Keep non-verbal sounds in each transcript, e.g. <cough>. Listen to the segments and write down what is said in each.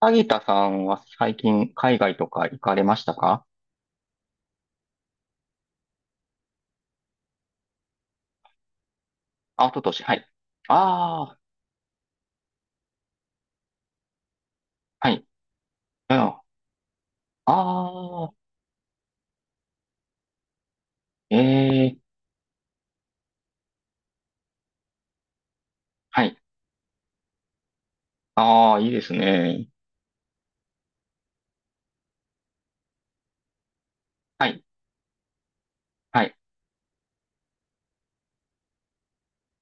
萩田さんは最近海外とか行かれましたか？あ、一昨年、はい。ああ、はい。うん。ああ、ええ、はい。ああ、いいですね。はい、はい。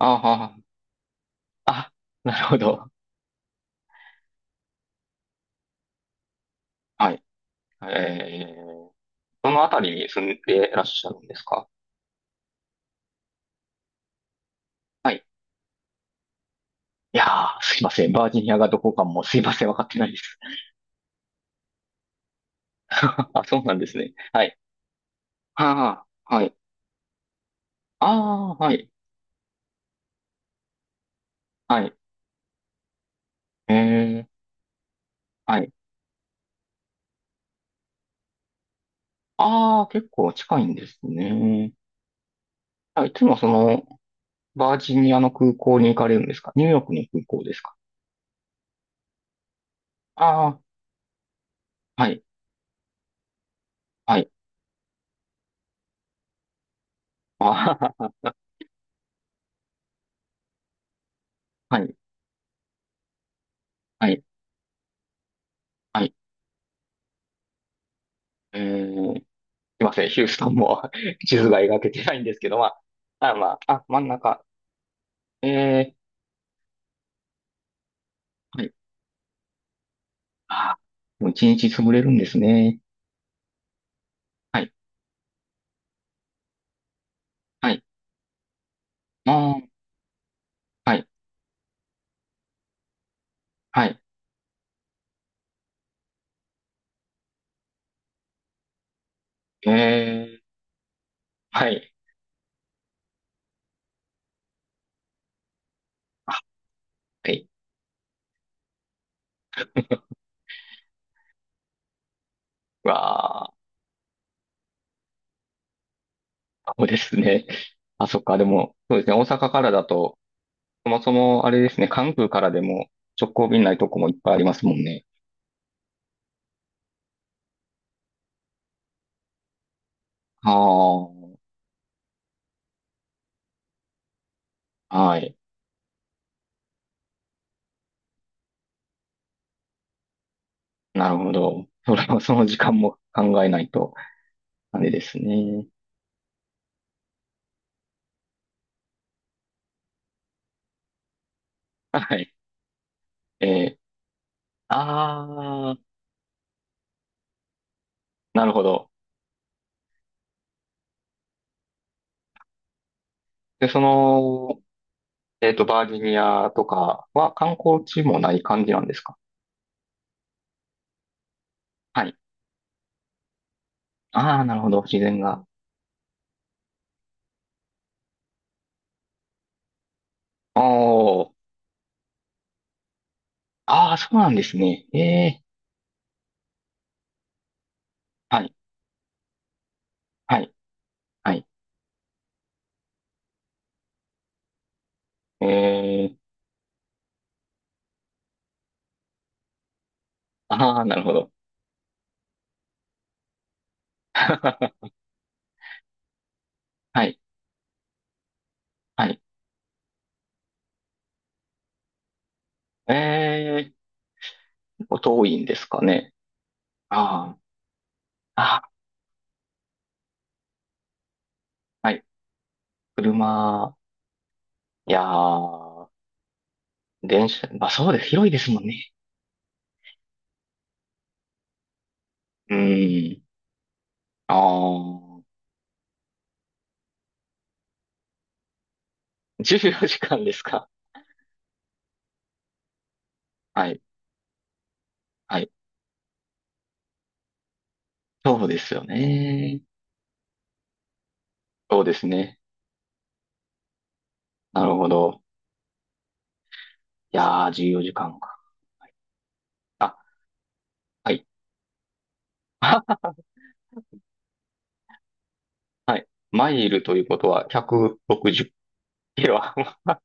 ああ、あ、なるほど。はい。ええ、どのあたりに住んでらっしゃるんですか？はい。いやー、すいません。バージニアがどこかもすいません。わかってないです。<laughs> あ、そうなんですね。はい。はあ、はい。ああ、はい。はい。ええ、はい。ああ、結構近いんですね。あ、いつもその、バージニアの空港に行かれるんですか？ニューヨークの空港ですか？ああー、はい、はい、あー <laughs> はい、はい、はい。すいません、ヒューストンも <laughs> 地図が描けてないんですけど、まあ、あ、まあ、あ、真ん中。えー、はい、あーもう一日潰れるんですね。はい、はい、あーはい、はい、えー、はい、あ、はい、うわあ、そうですね。あ、そっか、でも、そうですね、大阪からだと、そもそも、あれですね、関空からでも直行便ないとこもいっぱいありますもんね。ああ、はい。なるほど。それは、その時間も考えないと、あれですね。はい。えー、ああ、なるほど。で、その、バージニアとかは観光地もない感じなんですか？はい。ああ、なるほど。自然が。おー。ああ、そうなんですね。ええ、はい、はい、はい。ええ、ああ、なるほど。<laughs> はい、はい。ええ結構遠いんですかね。ああ、ああ、はい。車、いやー、電車、まあそうです。広いですもんね。うん。ああ、14時間ですか？はい。はい。そうですよね。そうですね。なるほど。いやー、14時間かんか。あ、はい。<laughs> はい。マイルということは160キロ。<laughs>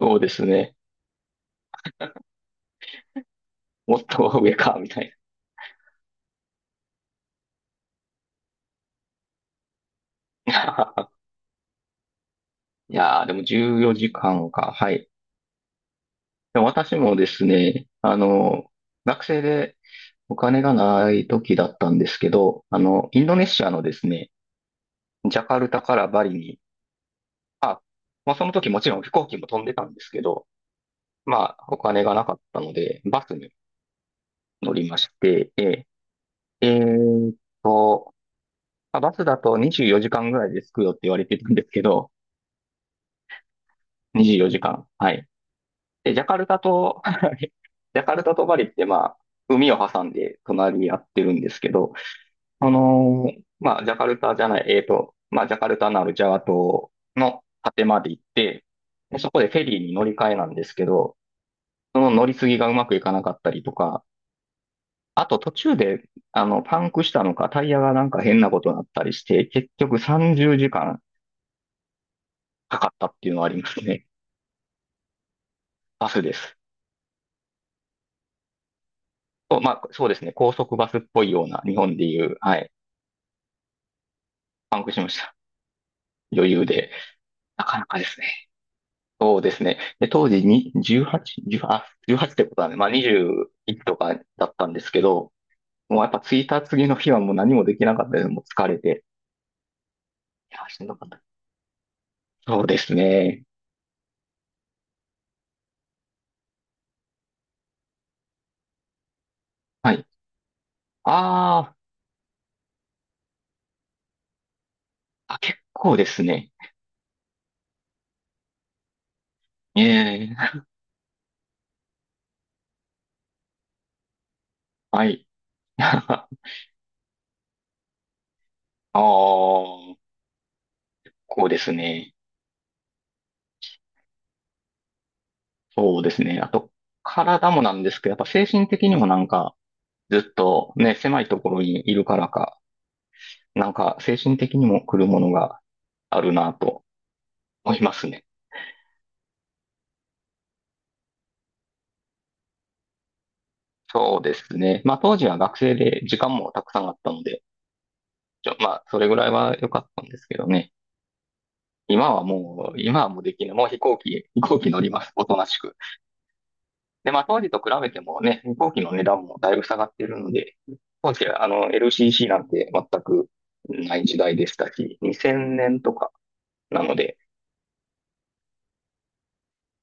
そうですね。もっと上か、みたいな。<laughs> いやー、でも14時間かんか。はい。でも私もですね、あの、学生でお金がない時だったんですけど、インドネシアのですね、ジャカルタからバリに、あ、まあその時もちろん飛行機も飛んでたんですけど、まあお金がなかったので、バスに乗りまして、ーえーっと、まあバスだと24時間ぐらいで着くよって言われてたんですけど、24時間。はい。で、ジャカルタと、<laughs> ジャカルタとバリってまあ、海を挟んで隣り合ってるんですけど、まあ、ジャカルタじゃない、まあ、ジャカルタのあるジャワ島の果てまで行って、で、そこでフェリーに乗り換えなんですけど、その乗り継ぎがうまくいかなかったりとか、あと途中で、パンクしたのか、タイヤがなんか変なことになったりして、結局30時間かんかかったっていうのはありますね。バスです。そうまあ、そうですね。高速バスっぽいような、日本でいう、はい、パンクしました。余裕で。なかなかですね。そうですね。で、当時に18、18、あ、1ってことだねまあ21とかだったんですけど、もうやっぱ着いた次の日はもう何もできなかったです。もう疲れて。いや、しんどかった。そうですね。はい。あー、あ、結構ですね。ええはい。<laughs> ああこうですね。そうですね。あと、体もなんですけど、やっぱ精神的にもなんか、ずっとね、狭いところにいるからか、なんか精神的にも来るものがあるなと。思いますね。そうですね。まあ当時は学生で時間もたくさんあったので、まあそれぐらいは良かったんですけどね。今はもうできない。もう飛行機乗ります。おとなしく。で、まあ当時と比べてもね、飛行機の値段もだいぶ下がってるので、当時はあの LCC なんて全くない時代でしたし、2000年とかなので、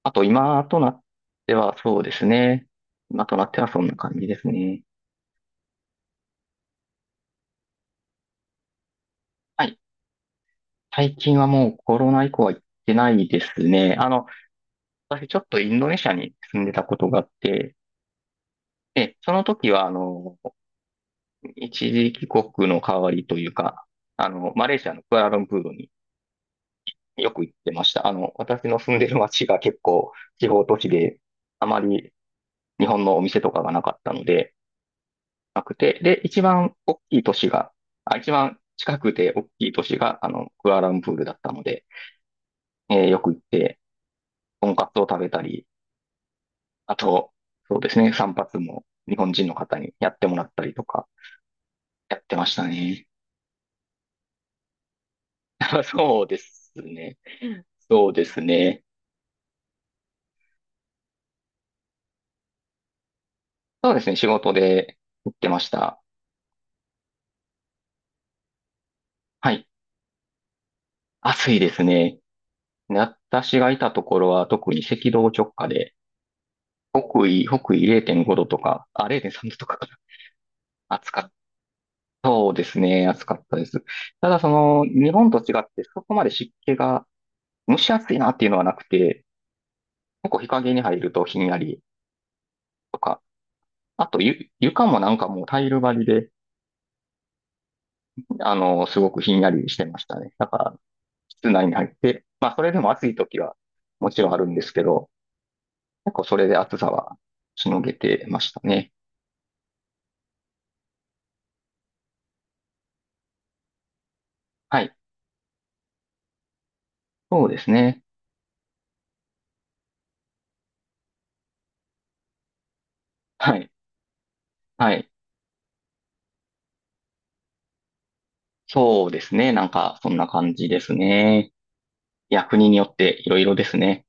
あと今となってはそうですね。今となってはそんな感じですね。はい。最近はもうコロナ以降は行ってないですね。私ちょっとインドネシアに住んでたことがあって、で、その時は、一時帰国の代わりというか、マレーシアのクアラルンプールによく行ってました。私の住んでる街が結構地方都市で、あまり日本のお店とかがなかったので、なくて、で、一番大きい都市が、あ、一番近くて大きい都市が、クアラルンプールだったので、よく行って、とんかつを食べたり、あと、そうですね、散髪も日本人の方にやってもらったりとか、やってましたね。<laughs> そうですね。そうですね。そうですね、仕事で行ってました。はい。暑いですね。で私がいたところは特に赤道直下で、北緯0.5度とか、あ、0.3度とかかな。暑かった。そうですね、暑かったです。ただその、日本と違ってそこまで湿気が蒸し暑いなっていうのはなくて、結構日陰に入るとひんやり、とかあと、床もなんかもうタイル張りで、すごくひんやりしてましたね。だから、室内に入って、まあ、それでも暑い時はもちろんあるんですけど、結構それで暑さはしのげてましたね。はい。そうですね。はい。はい。そうですね。なんか、そんな感じですね。いや、国によっていろいろですね。